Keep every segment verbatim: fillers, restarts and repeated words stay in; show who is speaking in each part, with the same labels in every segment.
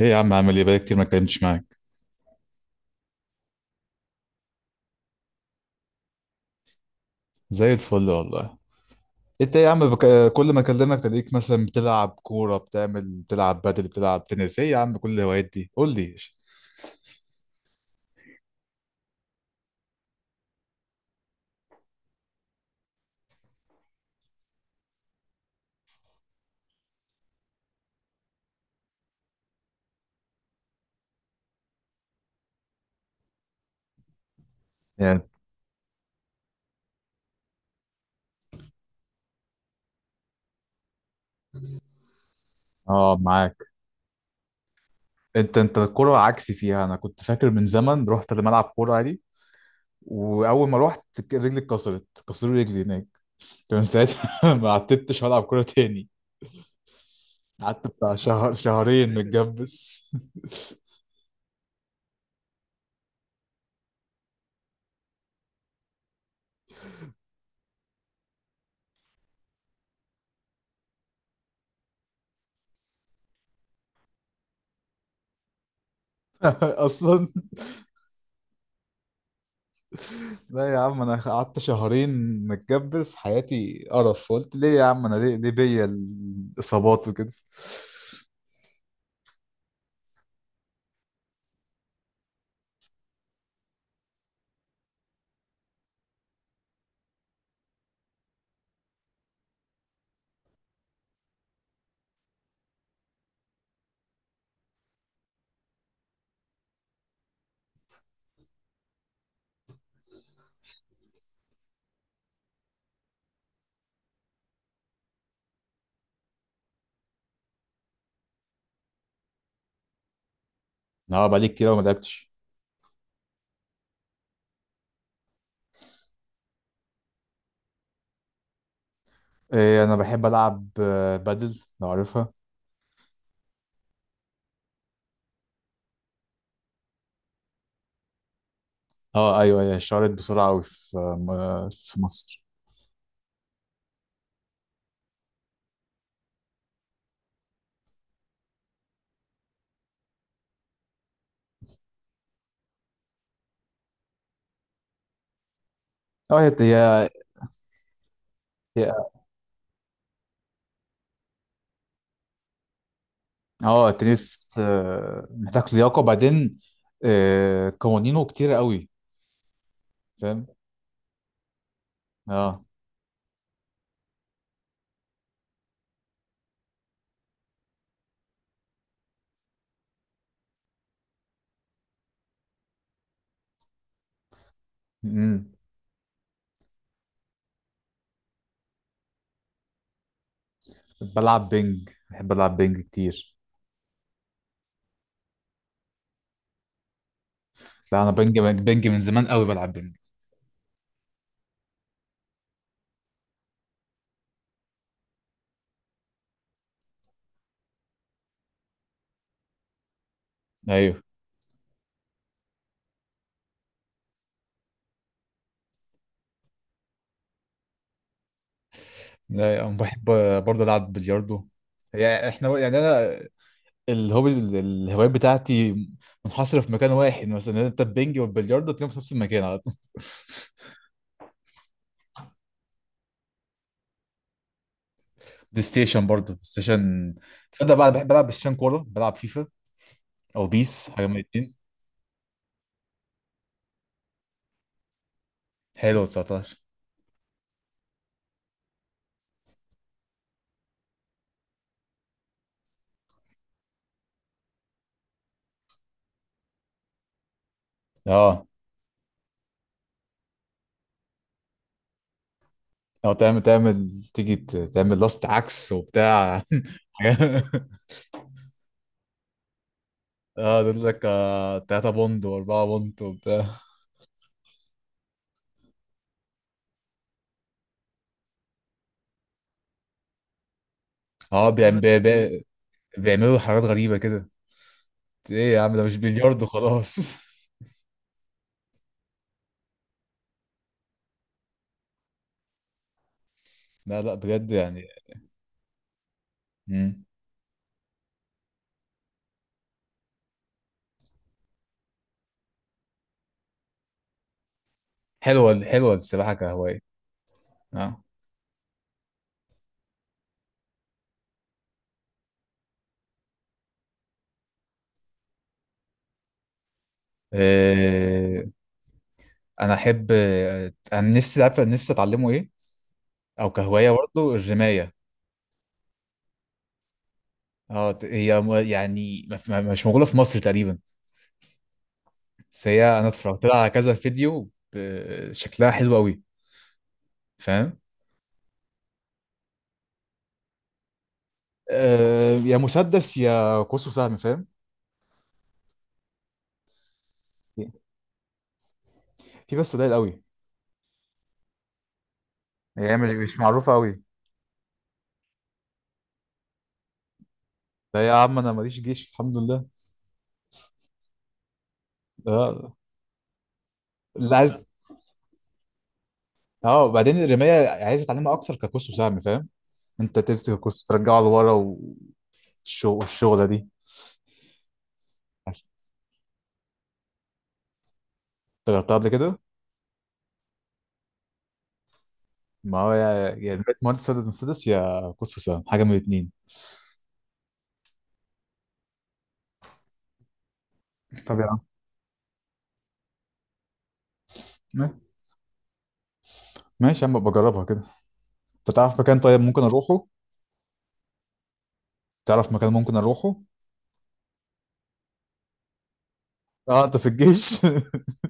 Speaker 1: ايه يا عم، عامل ايه؟ بقالي كتير ما اتكلمتش معاك. زي الفل والله. انت إيه يا عم بك... كل ما اكلمك تلاقيك مثلا بتلعب كوره، بتعمل بتلعب بدل، بتلعب تنس. ايه يا عم كل الهوايات دي؟ قول لي. يعني، اه معاك. انت انت الكوره عكسي فيها. انا كنت فاكر من زمن رحت لملعب كوره عادي، واول ما رحت ك- رجلي اتكسرت، كسروا رجلي هناك. كان ساعتها ما عتبتش والعب كوره تاني. قعدت بتاع شهر شهرين متجبس. اصلا. لا يا عم، انا قعدت شهرين متجبس حياتي قرف. قلت ليه يا عم انا؟ ليه ليه بيا الاصابات وكده. اه بقالي كتير أوي ما لعبتش. إيه، انا بحب العب آه، بادل لو عارفها. اه ايوه، هي اشتهرت بسرعه قوي في م- في مصر. اه هي هي اه التنس آه، محتاج لياقه، وبعدين آه، قوانينه كتير قوي. فاهم. اه امم بلعب بينج، بحب العب بينج كتير. لا انا بينج بينج من زمان قوي بلعب بينج. ايوه. لا انا بحب برضه العب بلياردو. يعني احنا يعني انا الهوبي، الهوايات بتاعتي منحصره في مكان واحد، مثلا انت البينج والبلياردو تلاقيهم في نفس المكان على طول بلاي ستيشن برضه بلاي ستيشن. تصدق بقى أنا بحب العب بلاي ستيشن كوره، بلعب فيفا او بيس حاجه من الاتنين. حلو تسعتاشر. اه. او تعمل تعمل تيجي ت- تعمل لاست عكس وبتاع حاجات- اه، يقول لك آه تلاته بوند و4 بوند وبتاع. اه بيعم- بي- بي- بيعملوا حاجات غريبة كده. ايه يا عم، ده مش بلياردو خلاص لا لا بجد يعني. مم. حلوة حلوة السباحة كهواية. اه. إيه، انا احب آه، انا نفسي، عارف نفسي اتعلمه ايه؟ او كهواية برضه الرماية. اه ت- هي م- يعني ما- ما- مش موجودة في مصر تقريبا. بس هي انا اتفرجت لها على كذا فيديو، ب- شكلها حلو قوي. فاهم. أه، يا مسدس يا قوس وسهم. فاهم. في بس قليل قوي. هي مش مش معروفه قوي. لا يا عم، انا ماليش جيش الحمد لله. اه، اللي عايز. اه، وبعدين الرمايه عايز اتعلمها اكتر كقوس وسهم، فاهم؟ انت تمسك القوس وترجعه لورا، والشغله دي اشتغلتها قبل كده. ما هو يا يا رماية مهندس سدد مسدس، يا قوس وسهم، حاجه من الاثنين. طب يا عم، ماشي يا عم بجربها كده. انت تعرف مكان طيب ممكن اروحه؟ تعرف مكان ممكن اروحه؟ اه انت في الجيش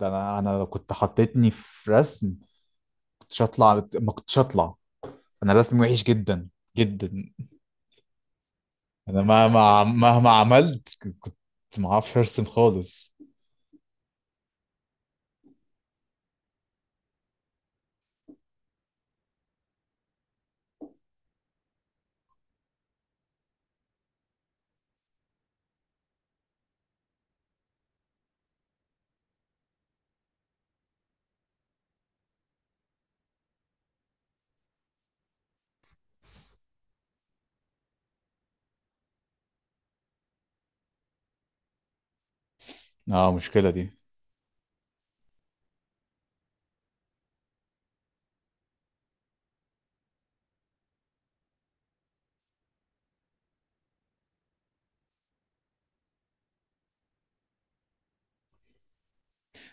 Speaker 1: ده انا انا لو كنت حطيتني في رسم، كنتش هطلع ما كنتش هطلع. انا رسمي وحش جدا، جدا. انا مهما مهما عملت كنت، ما اعرفش ارسم خالص. اه مشكلة دي.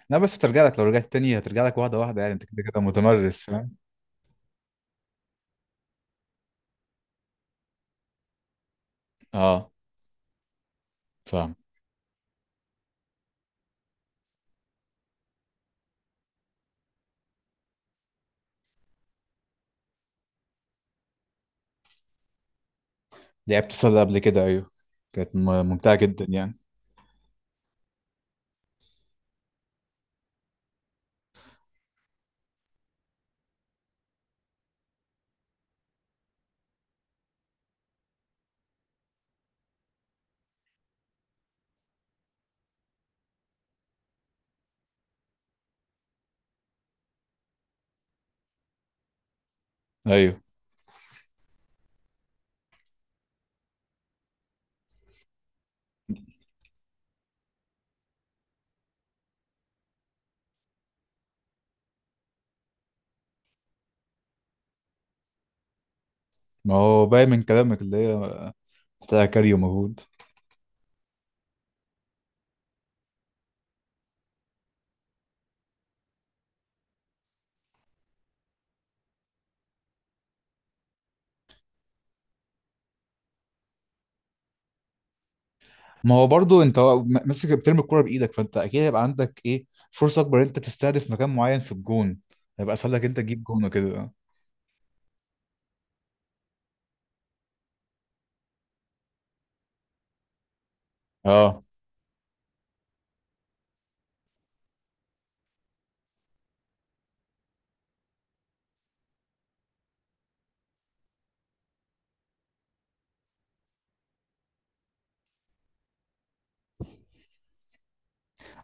Speaker 1: لا بس هترجع لك، لو رجعت تاني هترجع لك واحدة واحدة، يعني انت كده كده متمرس فاهم. اه فاهم. لعبت صيد قبل كده ايوه، كانت م- ممتعة جدا يعني. ايوه. ما هو باين من كلامك اللي هي محتاجة كاري ومجهود. ما هو برضو انت م- ماسك بترمي الكرة بايدك، فانت اكيد هيبقى عندك ايه فرصة اكبر، انت تستهدف مكان معين في الجون، هيبقى اسهل لك انت تجيب جون وكده. اه.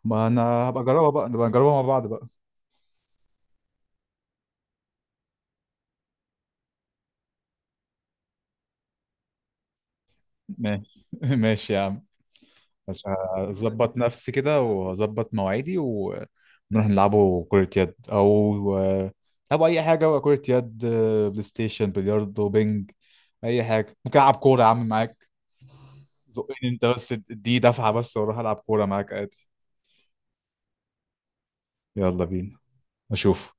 Speaker 1: ما انا هبقى اجربها بقى، نبقى نجربها مع بعض بقى. ماشي ماشي يا عم. مش، هظبط نفسي كده واظبط مواعيدي ونروح نلعبوا كرة يد، او آه، او اي حاجة بقى، كرة يد آه، بلاي ستيشن بلياردو بينج، اي حاجة ممكن العب كورة يا عم معاك. زقني انت بس، اديني دفعة بس واروح العب كورة معاك عادي. يلا بينا، اشوف.